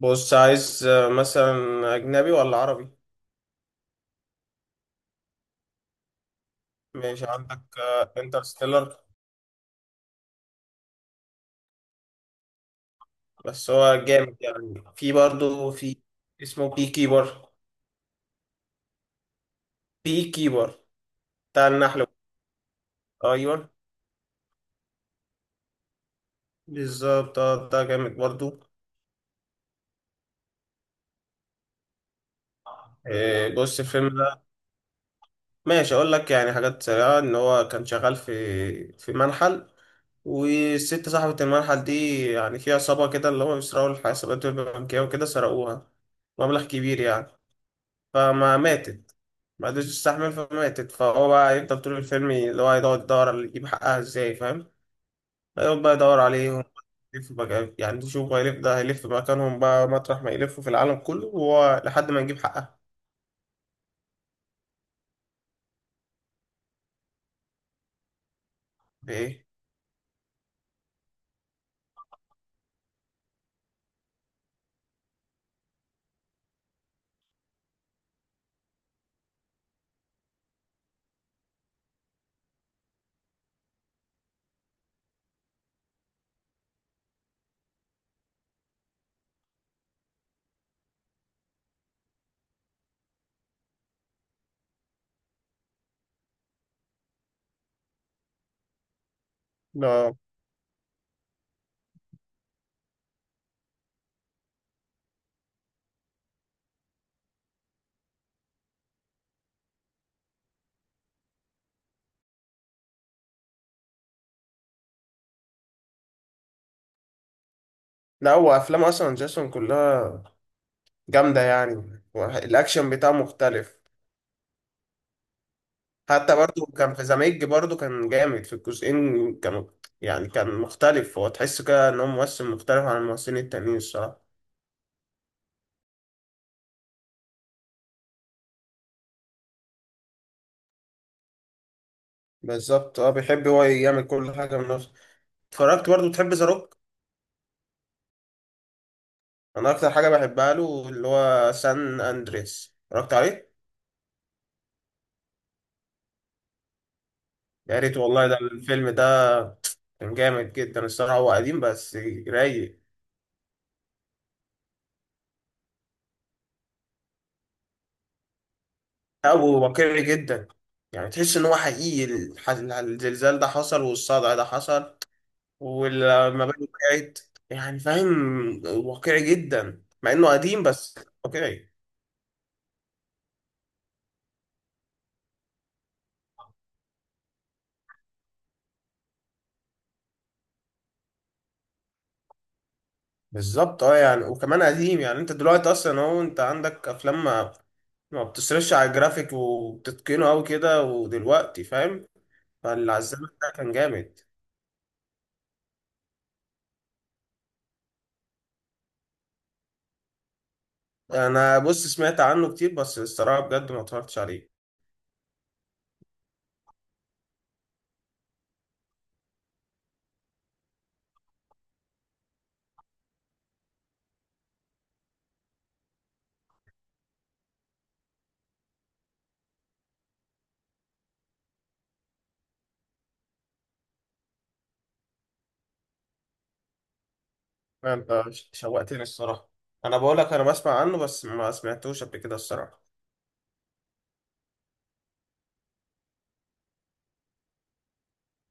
بص عايز مثلا أجنبي ولا عربي؟ ماشي. عندك انترستيلر. بس هو جامد يعني، في برضه اسمه بي كيبر. بي كيبر بتاع النحل. أيوه بالظبط. ده جامد برضه. بص الفيلم ده، ماشي أقول لك يعني حاجات سريعة. إن هو كان شغال في منحل، والست صاحبة المنحل دي يعني في عصابة كده اللي هو بيسرقوا الحسابات البنكية وكده، سرقوها مبلغ كبير يعني، فما ماتت، ما قدرتش تستحمل فماتت. فهو بقى يفضل طول الفيلم اللي هو يقعد يدور يجيب حقها ازاي، فاهم؟ هيقعد بقى يدور عليهم، يلف بقى يعني، يشوف هيلف ده، هيلف مكانهم بقى مطرح ما يلفوا في العالم كله، وهو لحد ما يجيب حقها. ايه؟ لا لا، هو افلام اصلا جاسون كلها جامده يعني، الاكشن بتاعه مختلف. حتى برضو كان في زاميج، برضو كان جامد. في الجزئين كانوا يعني كان مختلف، هو تحس كده ان هو ممثل مختلف عن الممثلين التانيين الصراحه. بالظبط اه، بيحب هو يعمل كل حاجة بنفسه. اتفرجت برضو، تحب ذا روك؟ انا اكتر حاجة بحبها له اللي هو سان اندريس، اتفرجت عليه؟ يا ريت والله، ده الفيلم ده كان جامد جدا الصراحة، هو قديم بس رايق. ابو واقعي جدا، يعني تحس ان هو حقيقي، الزلزال ده حصل والصدع ده حصل والمباني وقعت. يعني فاهم، واقعي جدا مع انه قديم بس. واقعي. بالظبط اه، يعني وكمان قديم يعني، انت دلوقتي اصلا اهو انت عندك افلام ما بتصرفش على الجرافيك وبتتقنه قوي كده ودلوقتي، فاهم؟ فاللي على الزمن ده كان جامد. انا بص، سمعت عنه كتير بس الصراحه بجد ما اتفرجتش عليه. انت شوقتني الصراحه، انا بقول لك انا بسمع عنه بس ما سمعتوش قبل كده الصراحه.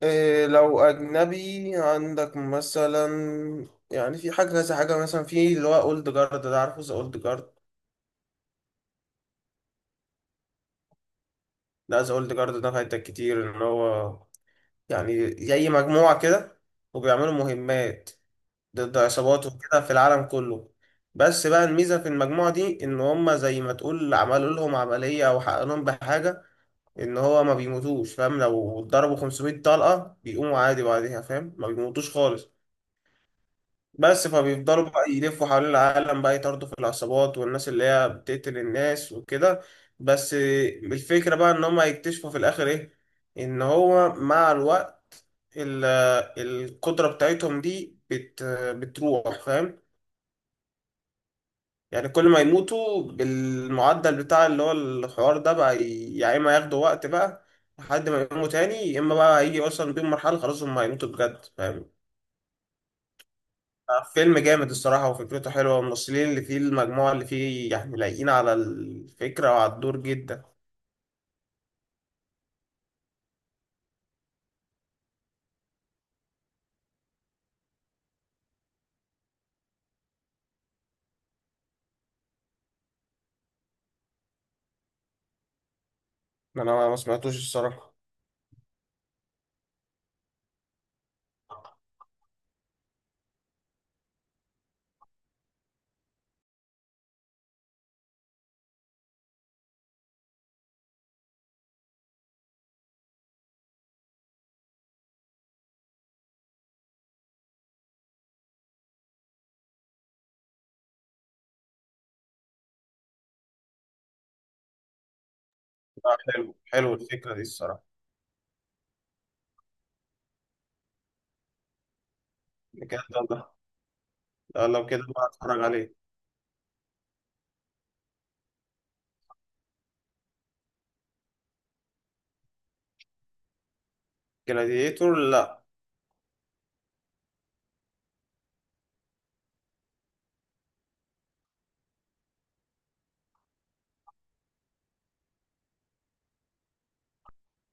إيه لو اجنبي عندك مثلا، يعني في حاجه كذا حاجه مثلا، في اللي هو اولد جارد ده، عارفه ذا اولد جارد؟ لا ذا اولد جارد ده فايتك كتير، ان هو يعني زي مجموعة كده، وبيعملوا مهمات ضد عصابات وكده في العالم كله. بس بقى الميزة في المجموعة دي إن هما، زي ما تقول عملوا لهم عملية أو حقنوا لهم بحاجة، إن هو ما بيموتوش، فاهم؟ لو اتضربوا 500 طلقة بيقوموا عادي بعدها، فاهم؟ ما بيموتوش خالص. بس فبيفضلوا بقى يلفوا حوالين العالم بقى، يطاردوا في العصابات والناس اللي هي بتقتل الناس وكده. بس الفكرة بقى إن هما يكتشفوا في الآخر إيه، إن هو مع الوقت ال- القدرة بتاعتهم دي بتروح، فاهم؟ يعني كل ما يموتوا بالمعدل بتاع اللي هو الحوار ده بقى، يا اما ياخدوا وقت بقى لحد ما يقوموا تاني، يا اما بقى هيجي اصلا بيهم مرحلة خلاص هم هيموتوا بجد، فاهم؟ فيلم جامد الصراحة، وفكرته حلوة، والممثلين اللي فيه المجموعة اللي فيه يعني لايقين على الفكرة وعلى الدور جدا. انا ما سمعتوش الصراحة. لا، حلو حلو الفكرة دي الصراحة. بجد والله؟ لا، لو كده بقى اتفرج عليه. جلاديتور لا.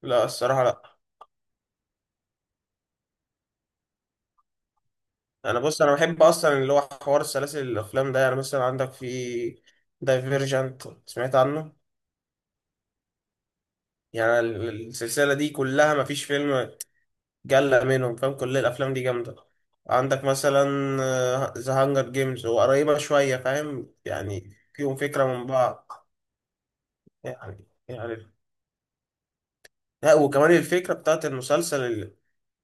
لا الصراحة لا. انا بص، انا بحب اصلا اللي هو حوار سلاسل الافلام ده، يعني مثلا عندك في دايفيرجنت، سمعت عنه؟ يعني السلسله دي كلها ما فيش فيلم جلة منهم، فاهم؟ كل الافلام دي جامده. عندك مثلا ذا هانجر جيمز، هو قريبه شويه فاهم، يعني فيهم فكره من بعض يعني لا، وكمان الفكره بتاعت المسلسل اللي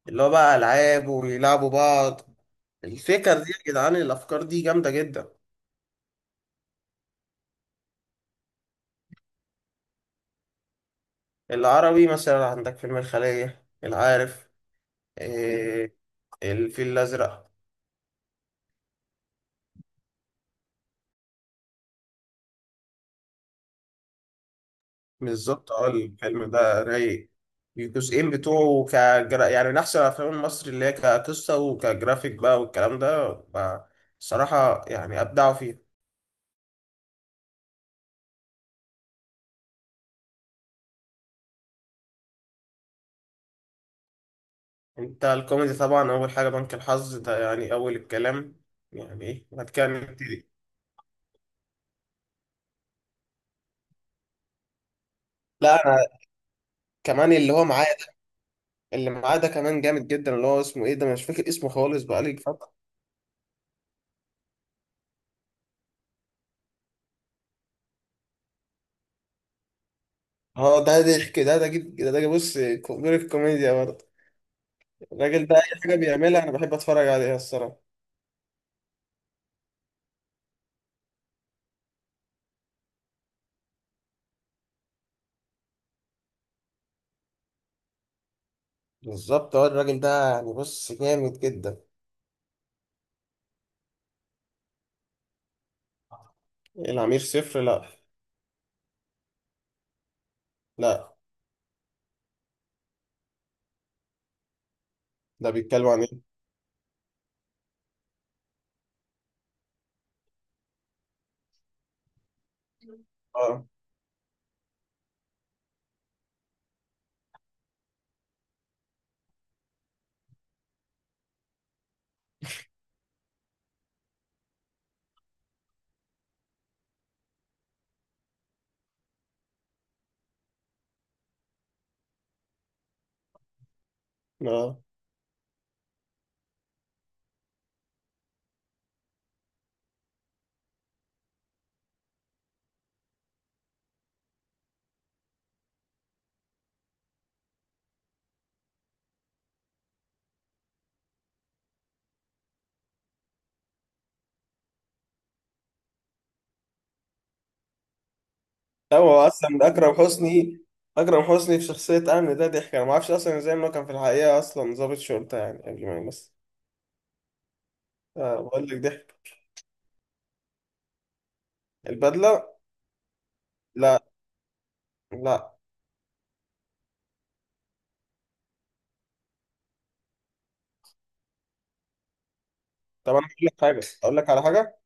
اللي هو بقى العاب ويلعبوا بعض، الفكر دي يا جدعان، الافكار دي جامده جدا. العربي مثلا عندك فيلم الخلية، العارف إيه، الفيل الأزرق. بالظبط اه، الفيلم ده رايق، الجزئين بتوعه يعني من أحسن الأفلام المصري اللي هي كقصة وكجرافيك بقى والكلام ده الصراحة يعني أبدعوا فيه. أنت الكوميدي طبعا أول حاجة بنك الحظ ده، يعني أول الكلام، يعني إيه، بعد كده نبتدي. لا أنا كمان اللي هو معايا، اللي معاه ده كمان جامد جدا، اللي هو اسمه إيه ده، أنا مش فاكر اسمه خالص بقالي فترة. اه ده ضحك، ده ده جيب ده ده، بص كبير الكوميديا برضه. الراجل ده اي حاجه بيعملها انا بحب اتفرج عليها الصراحه. بالظبط، هو الراجل ده يعني بص جامد جدا. العمير صفر؟ لا. لا. ده بيتكلم عن ايه؟ اه اه. لا هو اصلا ده اكرم حسني، اكرم حسني في شخصيه امن ده ضحك، انا ما اعرفش اصلا ازاي، ما كان في الحقيقه اصلا ضابط شرطه يعني قبل ما يمثل. بقول لك ضحك. البدله؟ لا. لا. طب انا اقول لك حاجه، اقول لك على حاجه.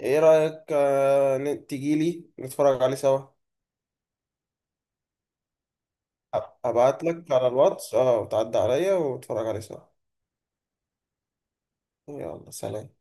ايه رايك آه، تيجي لي نتفرج عليه سوا. ابعت لك على الواتس اه، وتعدي عليا وتتفرج عليه سوا. يلا سلام.